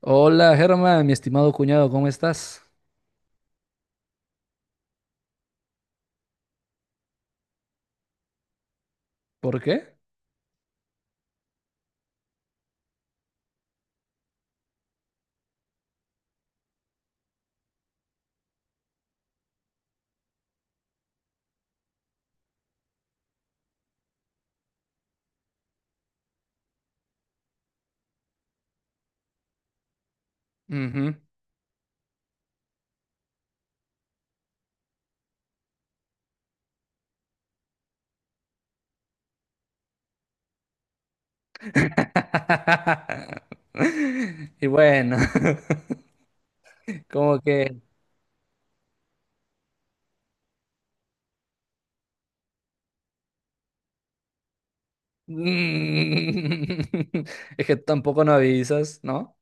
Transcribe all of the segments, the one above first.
Hola, Germán, mi estimado cuñado, ¿cómo estás? ¿Por qué? Ujú. Y bueno, como que... Es que tampoco no avisas, ¿no?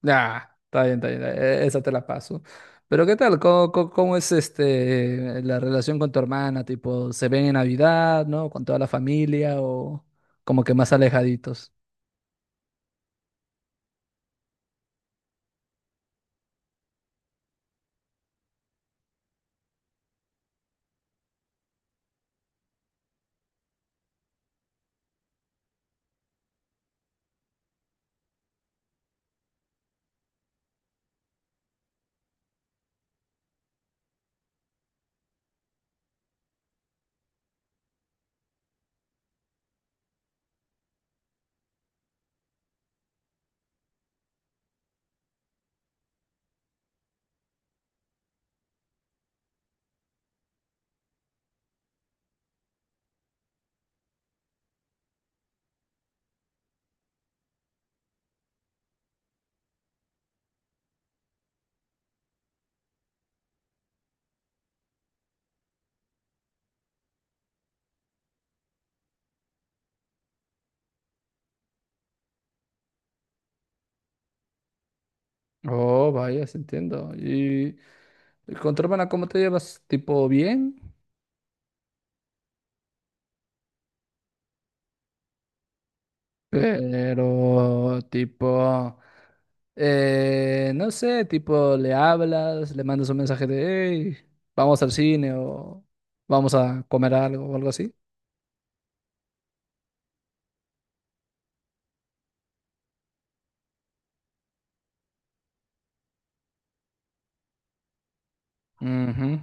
Nah, está bien, esa te la paso. Pero ¿qué tal? ¿Cómo es la relación con tu hermana? Tipo, ¿se ven en Navidad, ¿no? ¿Con toda la familia o como que más alejaditos? Oh, vaya, sí entiendo. ¿Y con tu hermana, ¿cómo te llevas? Tipo bien, pero tipo, no sé, tipo le hablas, le mandas un mensaje de, hey, vamos al cine o vamos a comer algo o algo así. Ujú.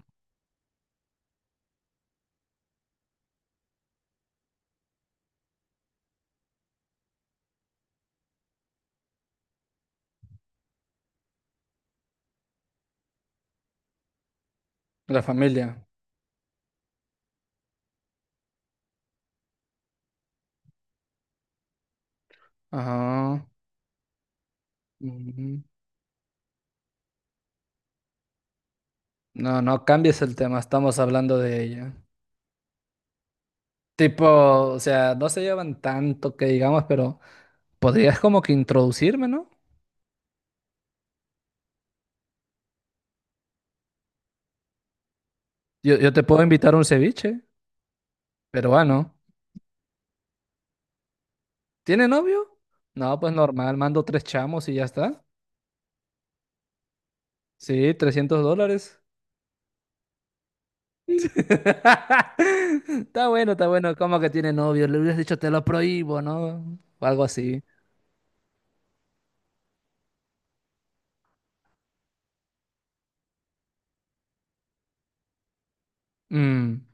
La familia. Ajá. Ujú. No, no cambies el tema, estamos hablando de ella. Tipo, o sea, no se llevan tanto que digamos, pero podrías como que introducirme, ¿no? Yo te puedo invitar a un ceviche peruano. ¿Tiene novio? No, pues normal, mando tres chamos y ya está. Sí, $300. Está bueno, está bueno. ¿Cómo que tiene novio? Le hubieras dicho te lo prohíbo, ¿no? O algo así. Mm,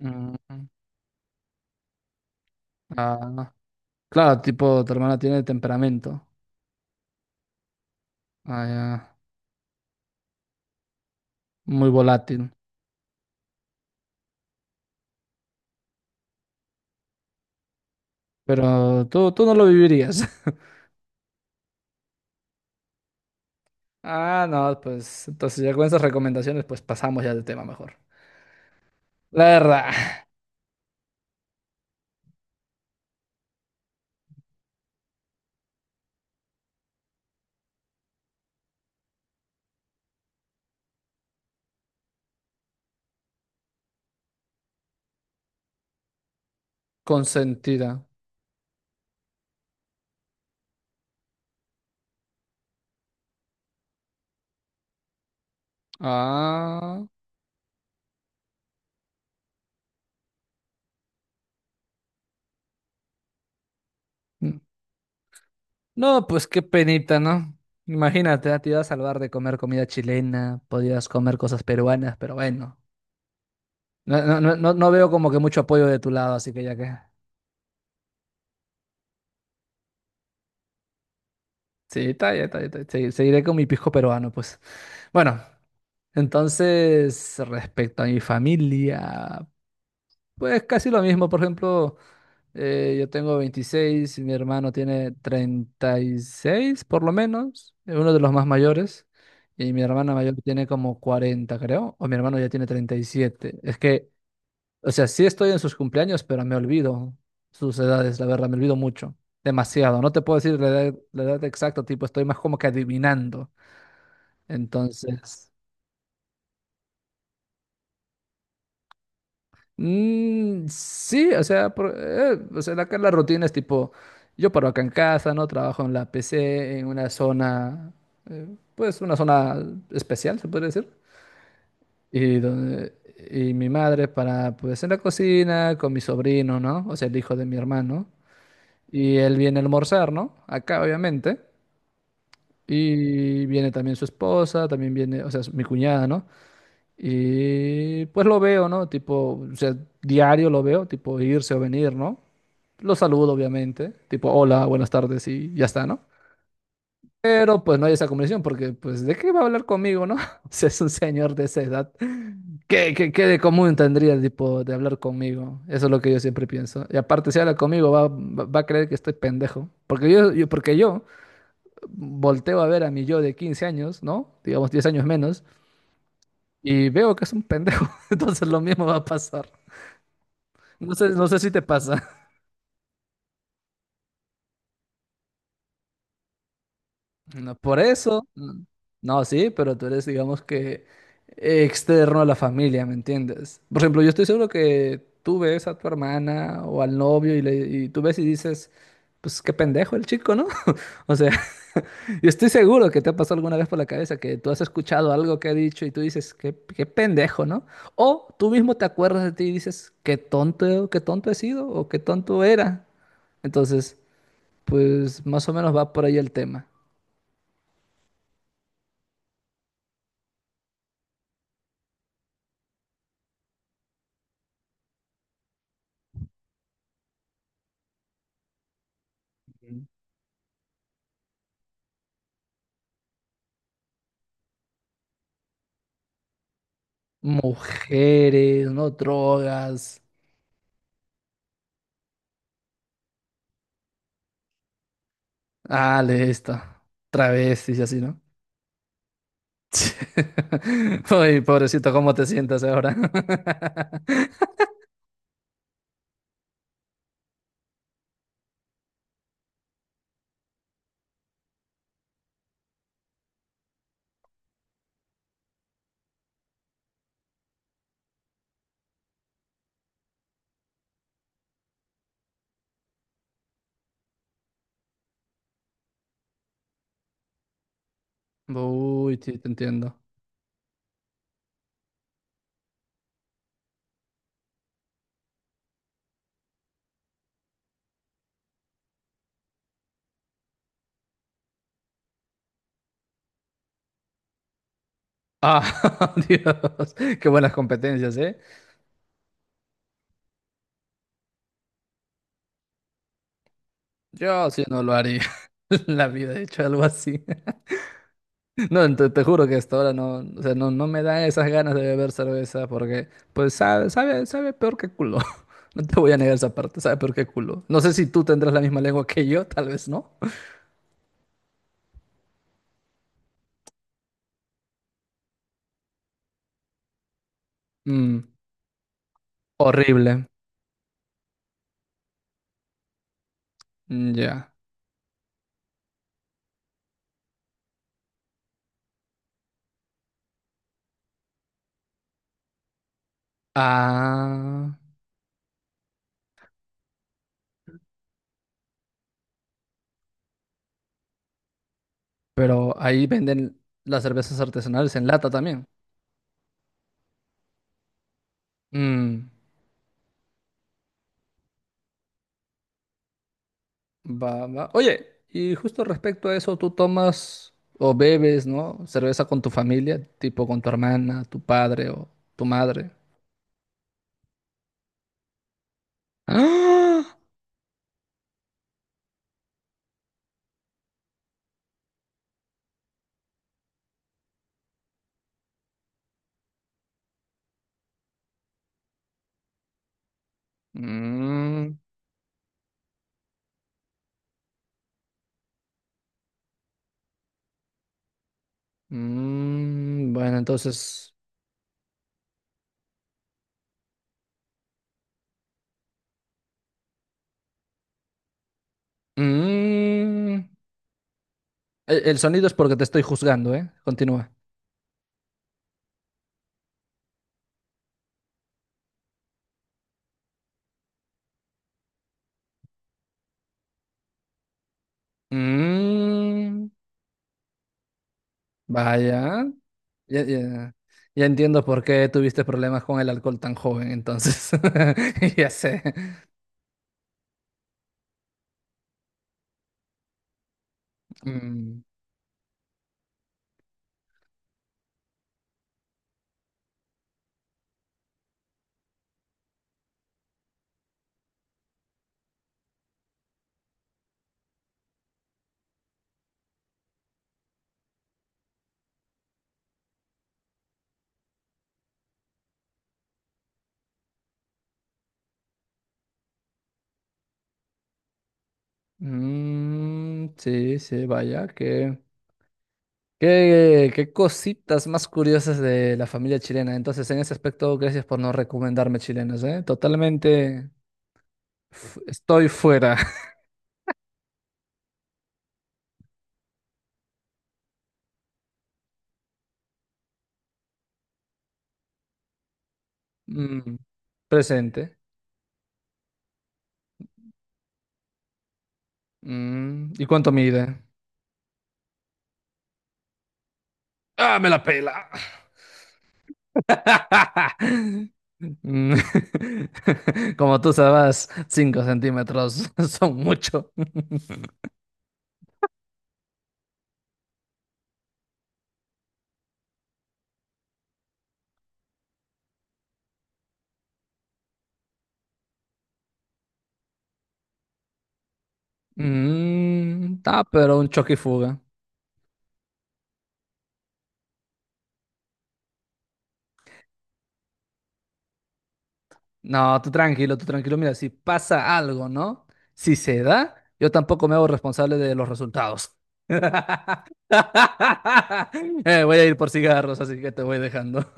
mm, ah, claro, tipo, tu hermana tiene temperamento. Ah, ya. Muy volátil. Pero tú no lo vivirías. Ah, no, pues entonces ya con esas recomendaciones, pues pasamos ya del tema mejor. La verdad, consentida. Ah. No, pues qué penita, ¿no? Imagínate, ah, te iba a salvar de comer comida chilena, podías comer cosas peruanas, pero bueno. No, no, no, no no veo como que mucho apoyo de tu lado, así que ya que. Sí, está bien, está bien, está bien. Sí, seguiré con mi pisco peruano, pues. Bueno, entonces, respecto a mi familia, pues casi lo mismo. Por ejemplo. Yo tengo 26 y mi hermano tiene 36 por lo menos, uno de los más mayores. Y mi hermana mayor tiene como 40 creo, o mi hermano ya tiene 37. Es que, o sea, sí estoy en sus cumpleaños, pero me olvido sus edades, la verdad, me olvido mucho, demasiado. No te puedo decir la edad exacta, tipo, estoy más como que adivinando. Entonces, sí, o sea, o sea, acá la rutina es tipo, yo paro acá en casa, ¿no? Trabajo en la PC, en una zona, eh, pues una zona especial, se podría decir. Y, donde, y mi madre para, pues en la cocina, con mi sobrino, ¿no? O sea, el hijo de mi hermano. Y él viene a almorzar, ¿no? Acá, obviamente. Y viene también su esposa, también viene, o sea, mi cuñada, ¿no? Y pues lo veo, ¿no? Tipo, o sea, diario lo veo, tipo irse o venir, ¿no? Lo saludo, obviamente, tipo, hola, buenas tardes y ya está, ¿no? Pero pues no hay esa comunicación porque, pues, ¿de qué va a hablar conmigo, no? Si es un señor de esa edad, ¿qué de común tendría, tipo, de hablar conmigo? Eso es lo que yo siempre pienso. Y aparte, si habla conmigo, va a creer que estoy pendejo. Porque yo volteo a ver a mi yo de 15 años, ¿no? Digamos 10 años menos, y veo que es un pendejo. Entonces lo mismo va a pasar. No sé, no sé si te pasa. No, por eso, no, sí, pero tú eres, digamos que, externo a la familia, ¿me entiendes? Por ejemplo, yo estoy seguro que tú ves a tu hermana o al novio y tú ves y dices, pues qué pendejo el chico, ¿no? O sea, yo estoy seguro que te ha pasado alguna vez por la cabeza que tú has escuchado algo que ha dicho y tú dices, qué pendejo, ¿no? O tú mismo te acuerdas de ti y dices, qué tonto he sido o qué tonto era. Entonces... Pues más o menos va por ahí el tema. Ujú. Mujeres, no drogas. Ah, de esto. Travestis y así, ¿no? Uy, pobrecito, ¿cómo te sientas ahora? Uy, sí, te entiendo. Ah, Dios, qué buenas competencias, ¿eh? Yo sí no lo haría. En la vida he hecho algo así. No, te juro que hasta ahora no, o sea, no, no me dan esas ganas de beber cerveza porque, pues, sabe, sabe, sabe peor que culo. No te voy a negar esa parte, sabe peor que culo. No sé si tú tendrás la misma lengua que yo, tal vez no. Mm, horrible. Ya. Ah, pero ahí venden las cervezas artesanales en lata también. Mm, va, va. Oye, y justo respecto a eso, tú tomas o bebes, ¿no? Cerveza con tu familia, tipo con tu hermana, tu padre o tu madre. ¡Ah! Mm, bueno, entonces. mm, el sonido es porque te estoy juzgando, ¿eh? Continúa. Mm, vaya. Ya, ya- ya entiendo por qué tuviste problemas con el alcohol tan joven, entonces. Ya sé. Mm, sí, sí, vaya. Qué cositas más curiosas de la familia chilena. Entonces, en ese aspecto, gracias por no recomendarme chilenos, ¿eh? Totalmente. Estoy fuera. Mm, presente. ¿Y cuánto mide? ¡Ah, me la pela! Mm, Como tú sabes, 5 centímetros son mucho. Ah, pero un choque y fuga. No, tú tranquilo, tú tranquilo. Mira, si pasa algo, ¿no? Si se da, yo tampoco me hago responsable de los resultados. Voy a ir por cigarros, así que te voy dejando.